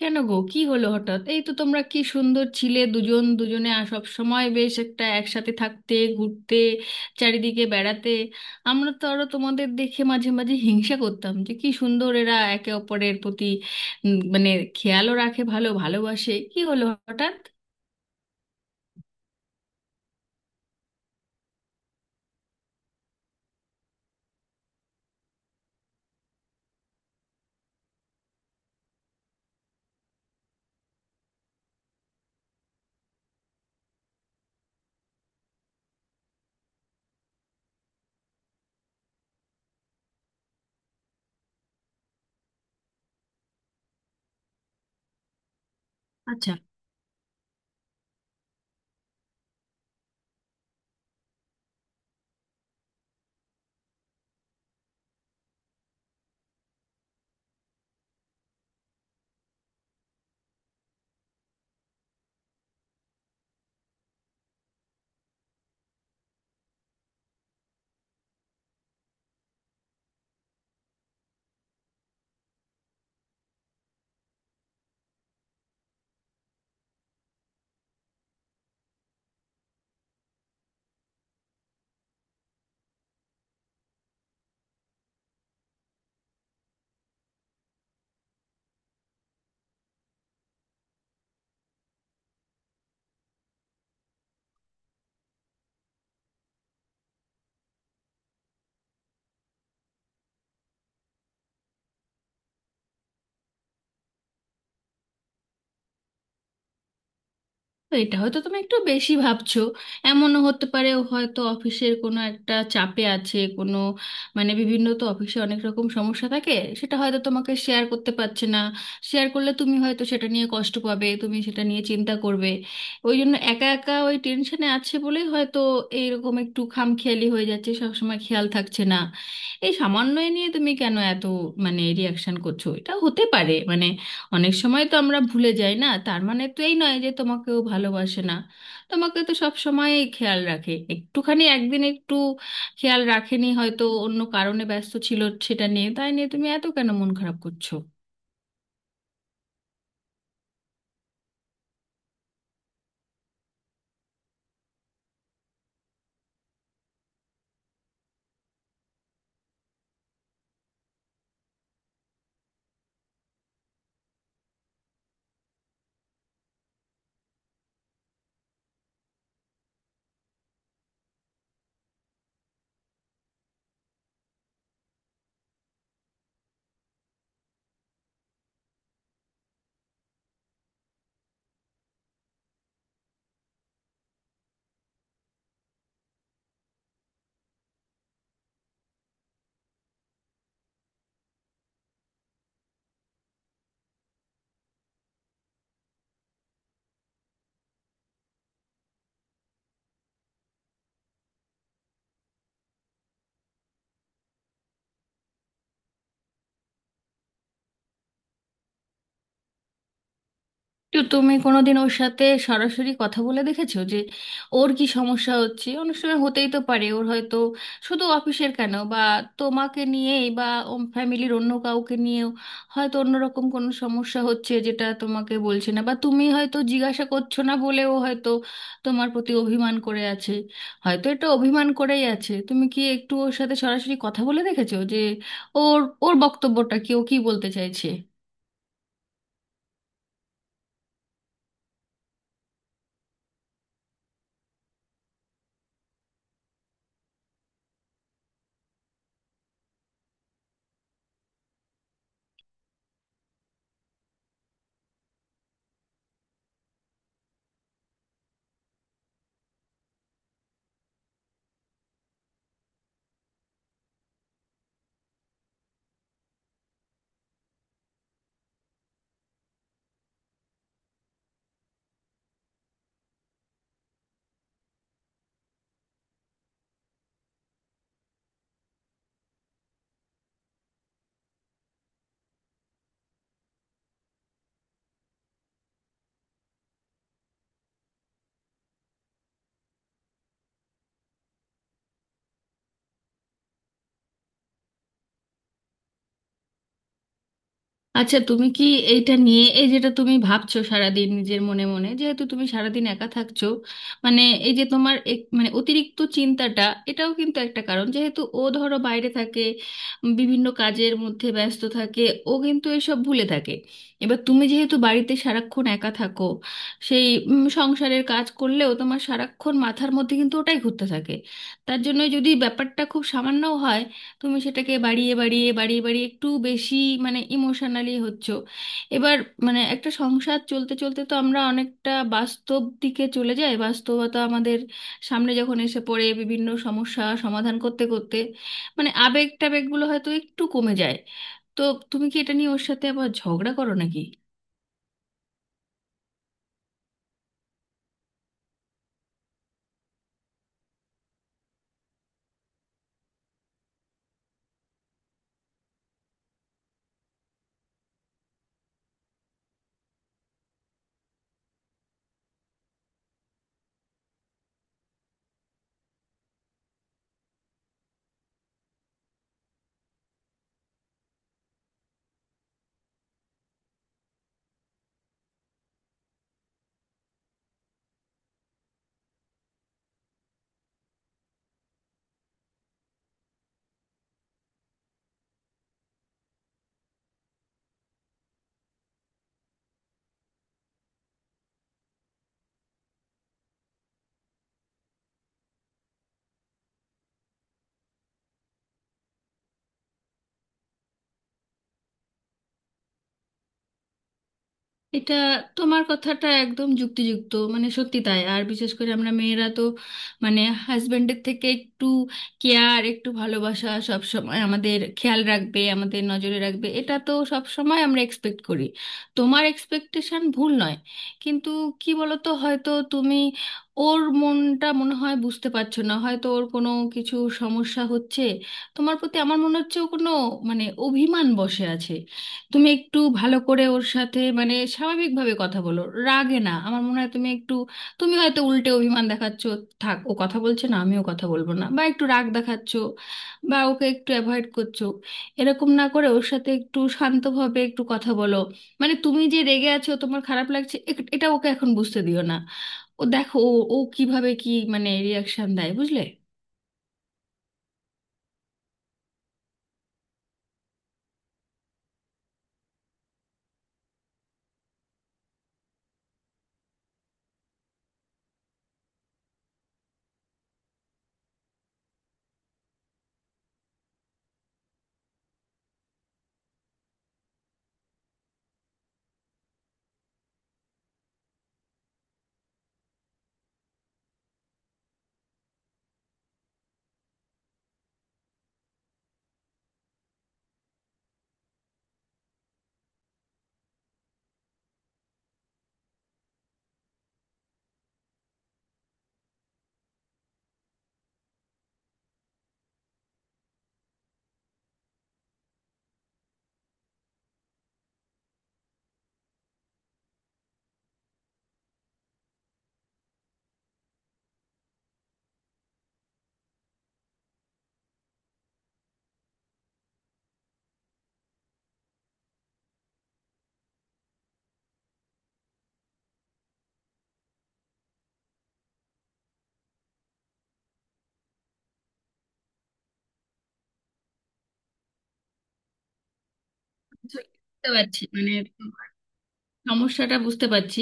কেন গো, কি হলো হঠাৎ? এই তো তোমরা কি সুন্দর ছিলে, দুজন দুজনে। আর সব সময় বেশ একটা একসাথে থাকতে, ঘুরতে, চারিদিকে বেড়াতে। আমরা তো আরো তোমাদের দেখে মাঝে মাঝে হিংসা করতাম যে কি সুন্দর এরা একে অপরের প্রতি মানে খেয়ালও রাখে, ভালো ভালোবাসে। কি হলো হঠাৎ? আচ্ছা, এটা হয়তো তুমি একটু বেশি ভাবছো। এমনও হতে পারে ও হয়তো অফিসের কোনো একটা চাপে আছে। কোনো মানে, বিভিন্ন তো অফিসে অনেক রকম সমস্যা থাকে, সেটা হয়তো তোমাকে শেয়ার করতে পারছে না। শেয়ার করলে তুমি হয়তো সেটা নিয়ে কষ্ট পাবে, তুমি সেটা নিয়ে চিন্তা করবে, ওই জন্য একা একা ওই টেনশনে আছে বলেই হয়তো এইরকম একটু খামখেয়ালি হয়ে যাচ্ছে, সবসময় খেয়াল থাকছে না। এই সামান্য এ নিয়ে তুমি কেন এত মানে রিয়াকশন করছো? এটা হতে পারে, মানে অনেক সময় তো আমরা ভুলে যাই, না? তার মানে তো এই নয় যে তোমাকেও ভালোবাসে না। তোমাকে তো সব সময় খেয়াল রাখে, একটুখানি একদিন একটু খেয়াল রাখেনি, হয়তো অন্য কারণে ব্যস্ত ছিল। সেটা নিয়ে, তাই নিয়ে তুমি এত কেন মন খারাপ করছো? তো তুমি কোনোদিন ওর সাথে সরাসরি কথা বলে দেখেছো যে ওর কি সমস্যা হচ্ছে? অনেক সময় হতেই তো পারে ওর হয়তো শুধু অফিসের কেন বা তোমাকে নিয়েই বা ফ্যামিলির অন্য কাউকে নিয়েও হয়তো অন্যরকম কোনো সমস্যা হচ্ছে, যেটা তোমাকে বলছে না, বা তুমি হয়তো জিজ্ঞাসা করছো না বলেও হয়তো তোমার প্রতি অভিমান করে আছে। হয়তো এটা অভিমান করেই আছে। তুমি কি একটু ওর সাথে সরাসরি কথা বলে দেখেছো যে ওর ওর বক্তব্যটা কি, ও কি বলতে চাইছে? আচ্ছা, তুমি কি এইটা নিয়ে, এই যেটা তুমি ভাবছো সারাদিন নিজের মনে মনে, যেহেতু তুমি সারাদিন একা থাকছো, মানে এই যে তোমার মানে অতিরিক্ত চিন্তাটা, এটাও কিন্তু একটা কারণ। যেহেতু ও ধরো বাইরে থাকে, বিভিন্ন কাজের মধ্যে ব্যস্ত থাকে, ও কিন্তু এসব ভুলে থাকে। এবার তুমি যেহেতু বাড়িতে সারাক্ষণ একা থাকো, সেই সংসারের কাজ করলেও তোমার সারাক্ষণ মাথার মধ্যে কিন্তু ওটাই ঘুরতে থাকে। তার জন্য যদি ব্যাপারটা খুব সামান্যও হয়, তুমি সেটাকে বাড়িয়ে বাড়িয়ে বাড়িয়ে বাড়িয়ে একটু বেশি মানে ইমোশনালি হচ্ছ। এবার মানে একটা সংসার চলতে চলতে তো আমরা অনেকটা বাস্তব দিকে চলে যাই, বাস্তবতা আমাদের সামনে যখন এসে পড়ে, বিভিন্ন সমস্যা সমাধান করতে করতে মানে আবেগ টাবেগগুলো হয়তো একটু কমে যায়। তো তুমি কি এটা নিয়ে ওর সাথে আবার ঝগড়া করো নাকি? এটা, তোমার কথাটা একদম যুক্তিযুক্ত, মানে সত্যি তাই। আর বিশেষ করে আমরা মেয়েরা তো মানে হাজবেন্ডের থেকে একটু কেয়ার, একটু ভালোবাসা, সব সময় আমাদের খেয়াল রাখবে, আমাদের নজরে রাখবে, এটা তো সব সময় আমরা এক্সপেক্ট করি। তোমার এক্সপেকটেশন ভুল নয়। কিন্তু কি বলতো, হয়তো তুমি ওর মনটা মনে হয় বুঝতে পারছো না। হয়তো ওর কোনো কিছু সমস্যা হচ্ছে, তোমার প্রতি আমার মনে হচ্ছে ও কোনো মানে অভিমান বসে আছে। তুমি একটু ভালো করে ওর সাথে মানে স্বাভাবিকভাবে কথা বলো, রাগে না। আমার মনে হয় তুমি একটু, তুমি হয়তো উল্টে অভিমান দেখাচ্ছ। থাক, ও কথা বলছে না আমিও কথা বলবো না, বা একটু রাগ দেখাচ্ছ, বা ওকে একটু অ্যাভয়েড করছো। এরকম না করে ওর সাথে একটু শান্তভাবে একটু কথা বলো। মানে তুমি যে রেগে আছো, তোমার খারাপ লাগছে, এটা ওকে এখন বুঝতে দিও না। ও দেখো ও ও কিভাবে কি মানে রিয়াকশন দেয়, বুঝলে। বুঝতে পারছি মানে, সমস্যাটা বুঝতে পারছি,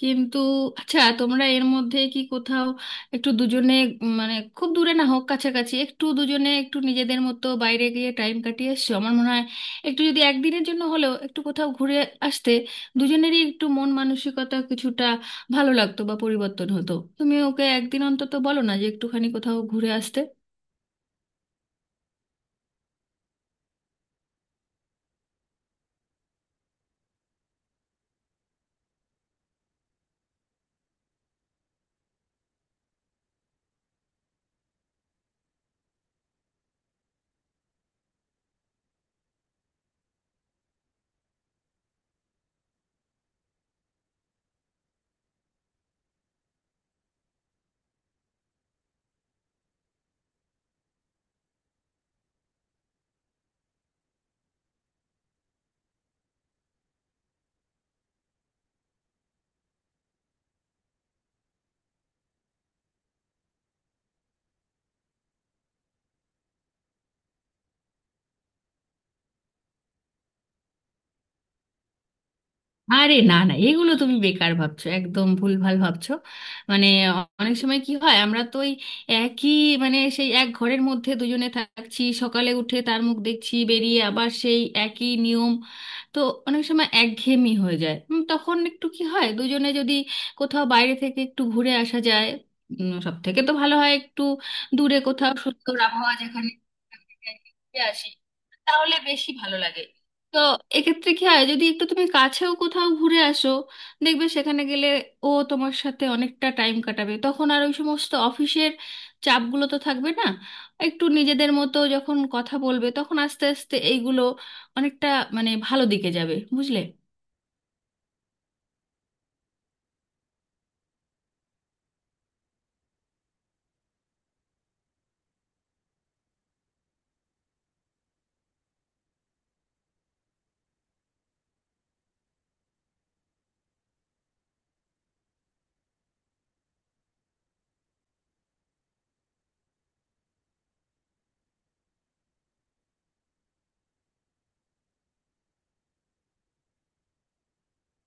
কিন্তু আচ্ছা তোমরা এর মধ্যে কি কোথাও একটু দুজনে মানে খুব দূরে না হোক, কাছাকাছি একটু দুজনে একটু নিজেদের মতো বাইরে গিয়ে টাইম কাটিয়ে এসছো? আমার মনে হয় একটু যদি একদিনের জন্য হলেও একটু কোথাও ঘুরে আসতে, দুজনেরই একটু মন মানসিকতা কিছুটা ভালো লাগতো বা পরিবর্তন হতো। তুমি ওকে একদিন অন্তত বলো না যে একটুখানি কোথাও ঘুরে আসতে। আরে না না, এগুলো তুমি বেকার ভাবছো, একদম ভুলভাল ভাবছো। মানে অনেক সময় কি হয়, আমরা তো ওই একই মানে সেই এক ঘরের মধ্যে দুজনে থাকছি, সকালে উঠে তার মুখ দেখছি, বেরিয়ে আবার সেই একই নিয়ম। তো অনেক সময় একঘেয়েমি হয়ে যায়। তখন একটু কি হয়, দুজনে যদি কোথাও বাইরে থেকে একটু ঘুরে আসা যায়, সব থেকে তো ভালো হয় একটু দূরে কোথাও সুন্দর আবহাওয়া যেখানে ঘুরে আসি, তাহলে বেশি ভালো লাগে। তো এক্ষেত্রে কি হয়, যদি একটু তুমি কাছেও কোথাও ঘুরে আসো, দেখবে সেখানে গেলে ও তোমার সাথে অনেকটা টাইম কাটাবে, তখন আর ওই সমস্ত অফিসের চাপগুলো তো থাকবে না। একটু নিজেদের মতো যখন কথা বলবে, তখন আস্তে আস্তে এইগুলো অনেকটা মানে ভালো দিকে যাবে, বুঝলে।